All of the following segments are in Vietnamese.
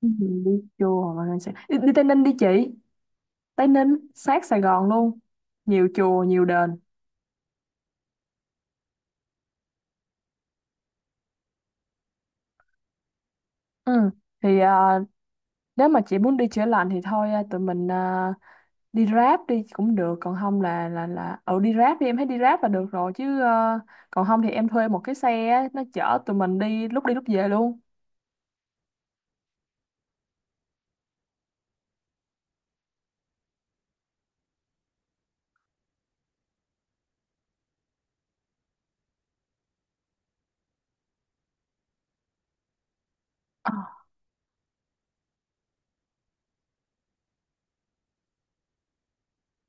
Ừ, đi chùa mà đi Tây Ninh đi chị. Tây Ninh sát Sài Gòn luôn, nhiều chùa nhiều đền. Ừ. thì nếu mà chị muốn đi chữa lành thì thôi, tụi mình đi Grab đi cũng được, còn không là đi Grab đi, em thấy đi Grab là được rồi chứ. Còn không thì em thuê một cái xe á, nó chở tụi mình đi lúc về luôn. Ờ.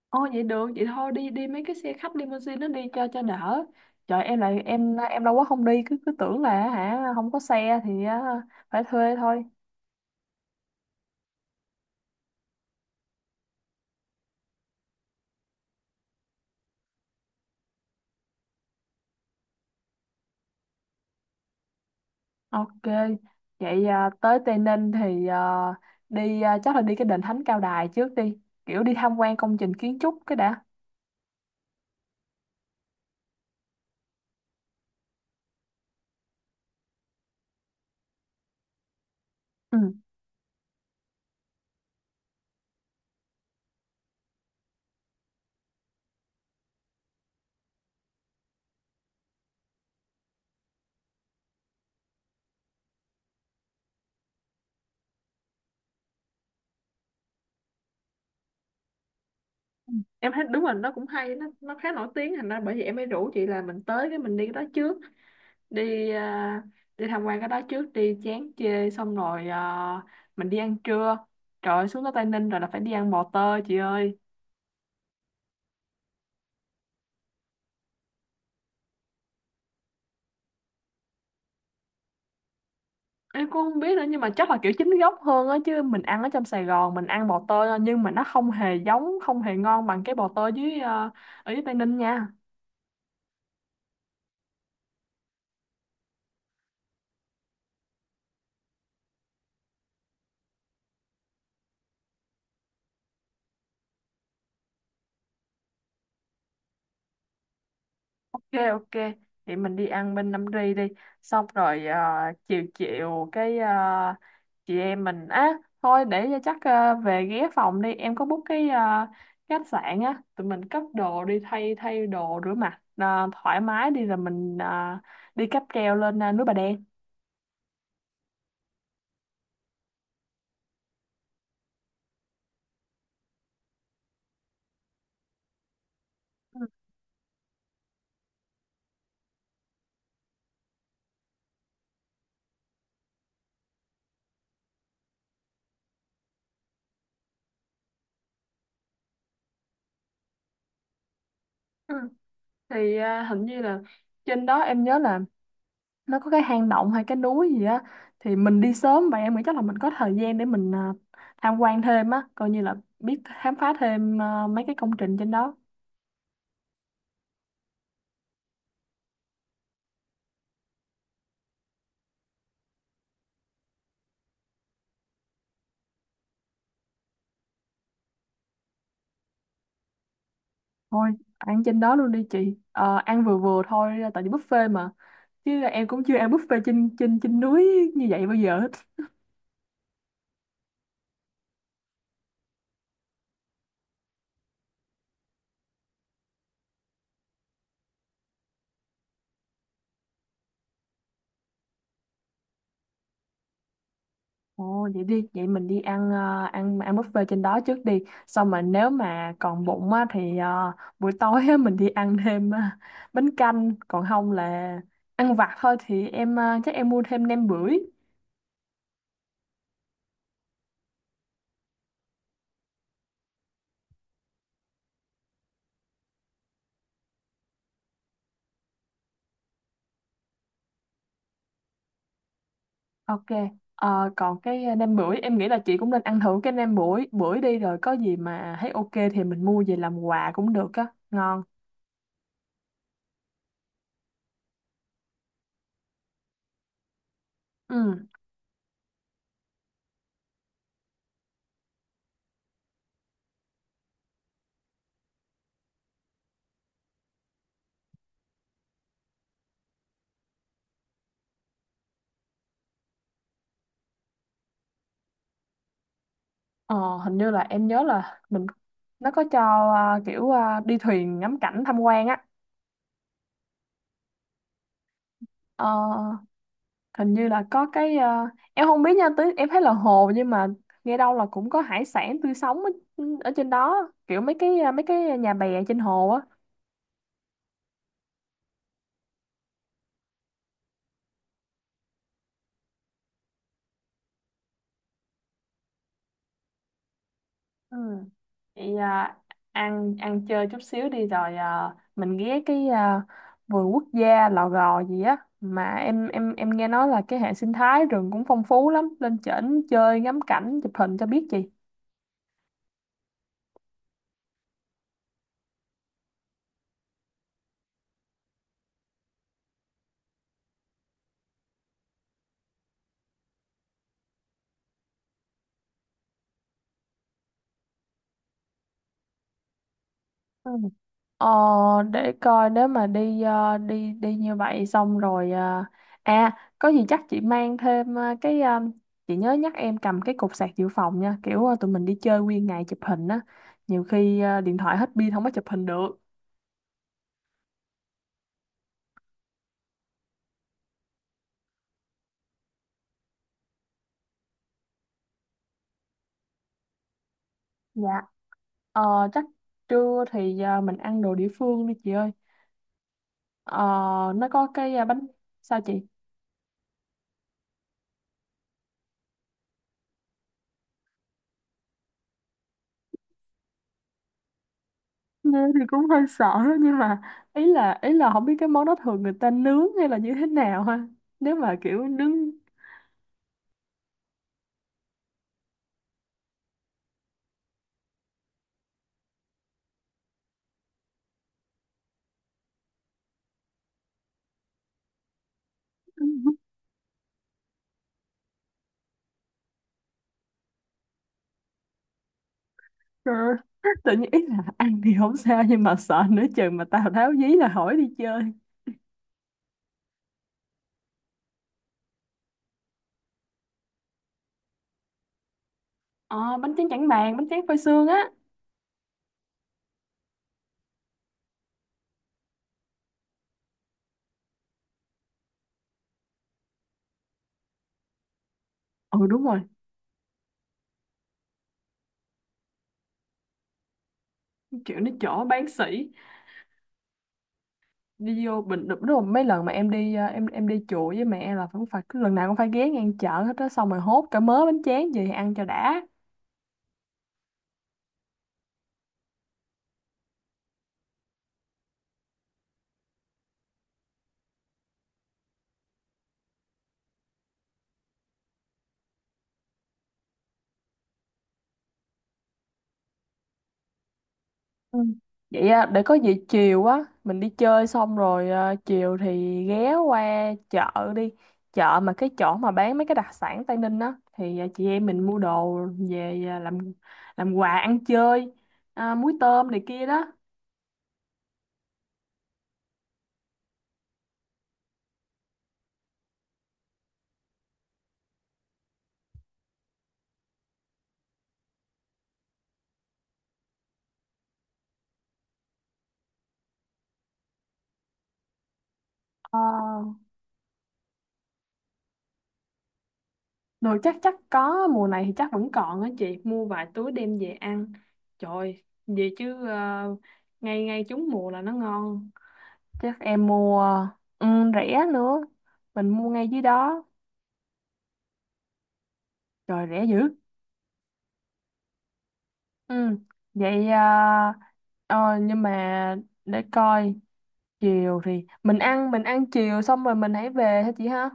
Ồ, vậy được, vậy thôi đi đi mấy cái xe khách limousine nó đi cho đỡ. Trời, em lại em lâu quá không đi, cứ cứ tưởng là hả, không có xe thì phải thuê thôi. Ok, vậy tới Tây Ninh thì đi, chắc là đi cái đền Thánh Cao Đài trước đi, kiểu đi tham quan công trình kiến trúc cái đã. Ừ. Em thấy đúng rồi, nó cũng hay, nó khá nổi tiếng, thành ra bởi vì em mới rủ chị là mình tới cái mình đi cái đó trước, đi à, đi tham quan cái đó trước đi chán chê, xong rồi mình đi ăn trưa. Trời ơi, xuống tới Tây Ninh rồi là phải đi ăn bò tơ chị ơi. Em cũng không biết nữa, nhưng mà chắc là kiểu chính gốc hơn á, chứ mình ăn ở trong Sài Gòn mình ăn bò tơi thôi, nhưng mà nó không hề giống, không hề ngon bằng cái bò tơi dưới, ở dưới Tây Ninh nha. Ok, ok, vậy mình đi ăn bên Nam Ri đi, xong rồi chiều chiều cái, chị em mình á, thôi để cho chắc, về ghé phòng đi, em có book cái khách sạn á, tụi mình cất đồ đi, thay thay đồ, rửa mặt thoải mái đi, rồi mình đi cáp treo lên núi Bà Đen. Ừ. Thì hình như là trên đó em nhớ là nó có cái hang động hay cái núi gì á, thì mình đi sớm vậy em nghĩ chắc là mình có thời gian để mình tham quan thêm á, coi như là biết khám phá thêm mấy cái công trình trên đó. Thôi ăn trên đó luôn đi chị. Ờ, ăn vừa vừa thôi tại vì buffet mà, chứ em cũng chưa ăn buffet trên trên trên núi như vậy bao giờ hết. Ồ, vậy đi, vậy mình đi ăn ăn ăn buffet trên đó trước đi. Xong mà nếu mà còn bụng á thì buổi tối á, mình đi ăn thêm bánh canh, còn không là ăn vặt thôi, thì em chắc em mua thêm nem bưởi. Ok. Ờ, còn cái nem bưởi em nghĩ là chị cũng nên ăn thử cái nem bưởi bưởi đi, rồi có gì mà thấy ok thì mình mua về làm quà cũng được á, ngon. Ừ. Ờ, hình như là em nhớ là mình nó có cho kiểu đi thuyền ngắm cảnh tham quan á. Ờ, hình như là có cái em không biết nha, tới em thấy là hồ nhưng mà nghe đâu là cũng có hải sản tươi sống ở, trên đó, kiểu mấy cái mấy cái nhà bè trên hồ á. Ừ. Vậy ăn ăn chơi chút xíu đi, rồi mình ghé cái vườn quốc gia Lò Gò gì á, mà em nghe nói là cái hệ sinh thái rừng cũng phong phú lắm, lên trển chơi ngắm cảnh chụp hình cho biết gì. Ờ, để coi nếu mà đi đi đi như vậy xong rồi, có gì chắc chị mang thêm cái chị nhớ nhắc em cầm cái cục sạc dự phòng nha, kiểu tụi mình đi chơi nguyên ngày chụp hình á, nhiều khi điện thoại hết pin không có chụp hình được. Dạ. Ờ, chắc trưa thì mình ăn đồ địa phương đi chị ơi. Ờ, nó có cái bánh sao chị? Nghe thì cũng hơi sợ đó, nhưng mà ý là không biết cái món đó thường người ta nướng hay là như thế nào ha, nếu mà kiểu nướng. Trời ơi, tự nhiên ý là ăn thì không sao nhưng mà sợ nữa chừng mà Tào Tháo dí là hỏi đi chơi. Ờ, bánh tráng Trảng Bàng, bánh tráng phơi sương á. Ừ, đúng rồi, kiểu nó chỗ bán sỉ đi vô bình, đúng rồi mấy lần mà em đi em đi chùa với mẹ là cũng phải, cứ lần nào cũng phải ghé ngang chợ hết á, xong rồi hốt cả mớ bánh tráng về ăn cho đã. Ừ. Vậy để có gì chiều á mình đi chơi xong rồi chiều thì ghé qua chợ đi, chợ mà cái chỗ mà bán mấy cái đặc sản Tây Ninh á, thì chị em mình mua đồ về làm quà ăn chơi, muối tôm này kia đó. Ờ, đồ chắc chắc có mùa này thì chắc vẫn còn á, chị mua vài túi đem về ăn, trời, về chứ ngay ngay trúng mùa là nó ngon, chắc em mua. Ừ, rẻ nữa, mình mua ngay dưới đó. Trời rẻ dữ. Ừ. Vậy, nhưng mà để coi, chiều thì mình ăn, mình ăn chiều xong rồi mình hãy về hả chị ha?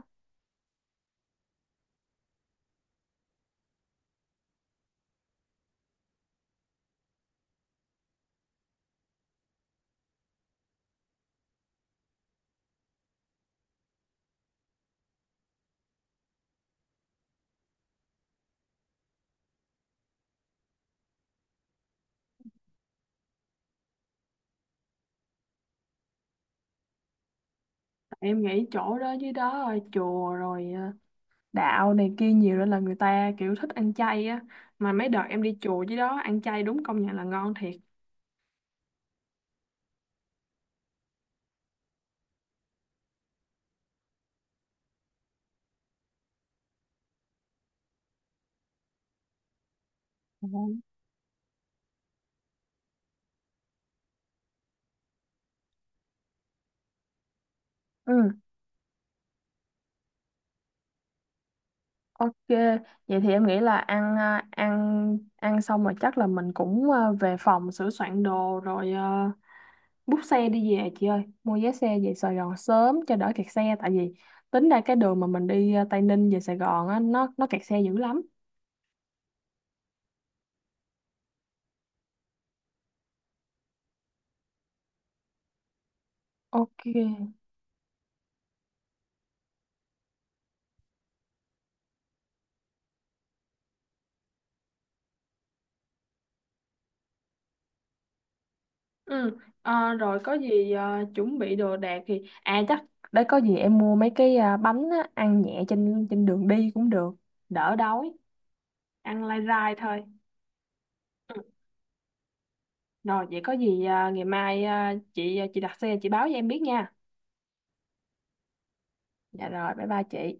Em nghĩ chỗ đó dưới đó rồi, chùa rồi đạo này kia nhiều nên là người ta kiểu thích ăn chay á. Mà mấy đợt em đi chùa dưới đó ăn chay, đúng công nhận là ngon thiệt. Ừ. Ừ, ok. Vậy thì em nghĩ là ăn, ăn xong rồi chắc là mình cũng về phòng sửa soạn đồ rồi bút xe đi về chị ơi, mua vé xe về Sài Gòn sớm cho đỡ kẹt xe, tại vì tính ra cái đường mà mình đi Tây Ninh về Sài Gòn á, nó kẹt xe dữ lắm. Ok. Ừ, rồi có gì chuẩn bị đồ đạc thì chắc để có gì em mua mấy cái bánh á, ăn nhẹ trên trên đường đi cũng được, đỡ đói, ăn lai rai thôi. Ừ. Rồi vậy có gì ngày mai chị chị đặt xe chị báo cho em biết nha. Dạ, rồi bye bye chị.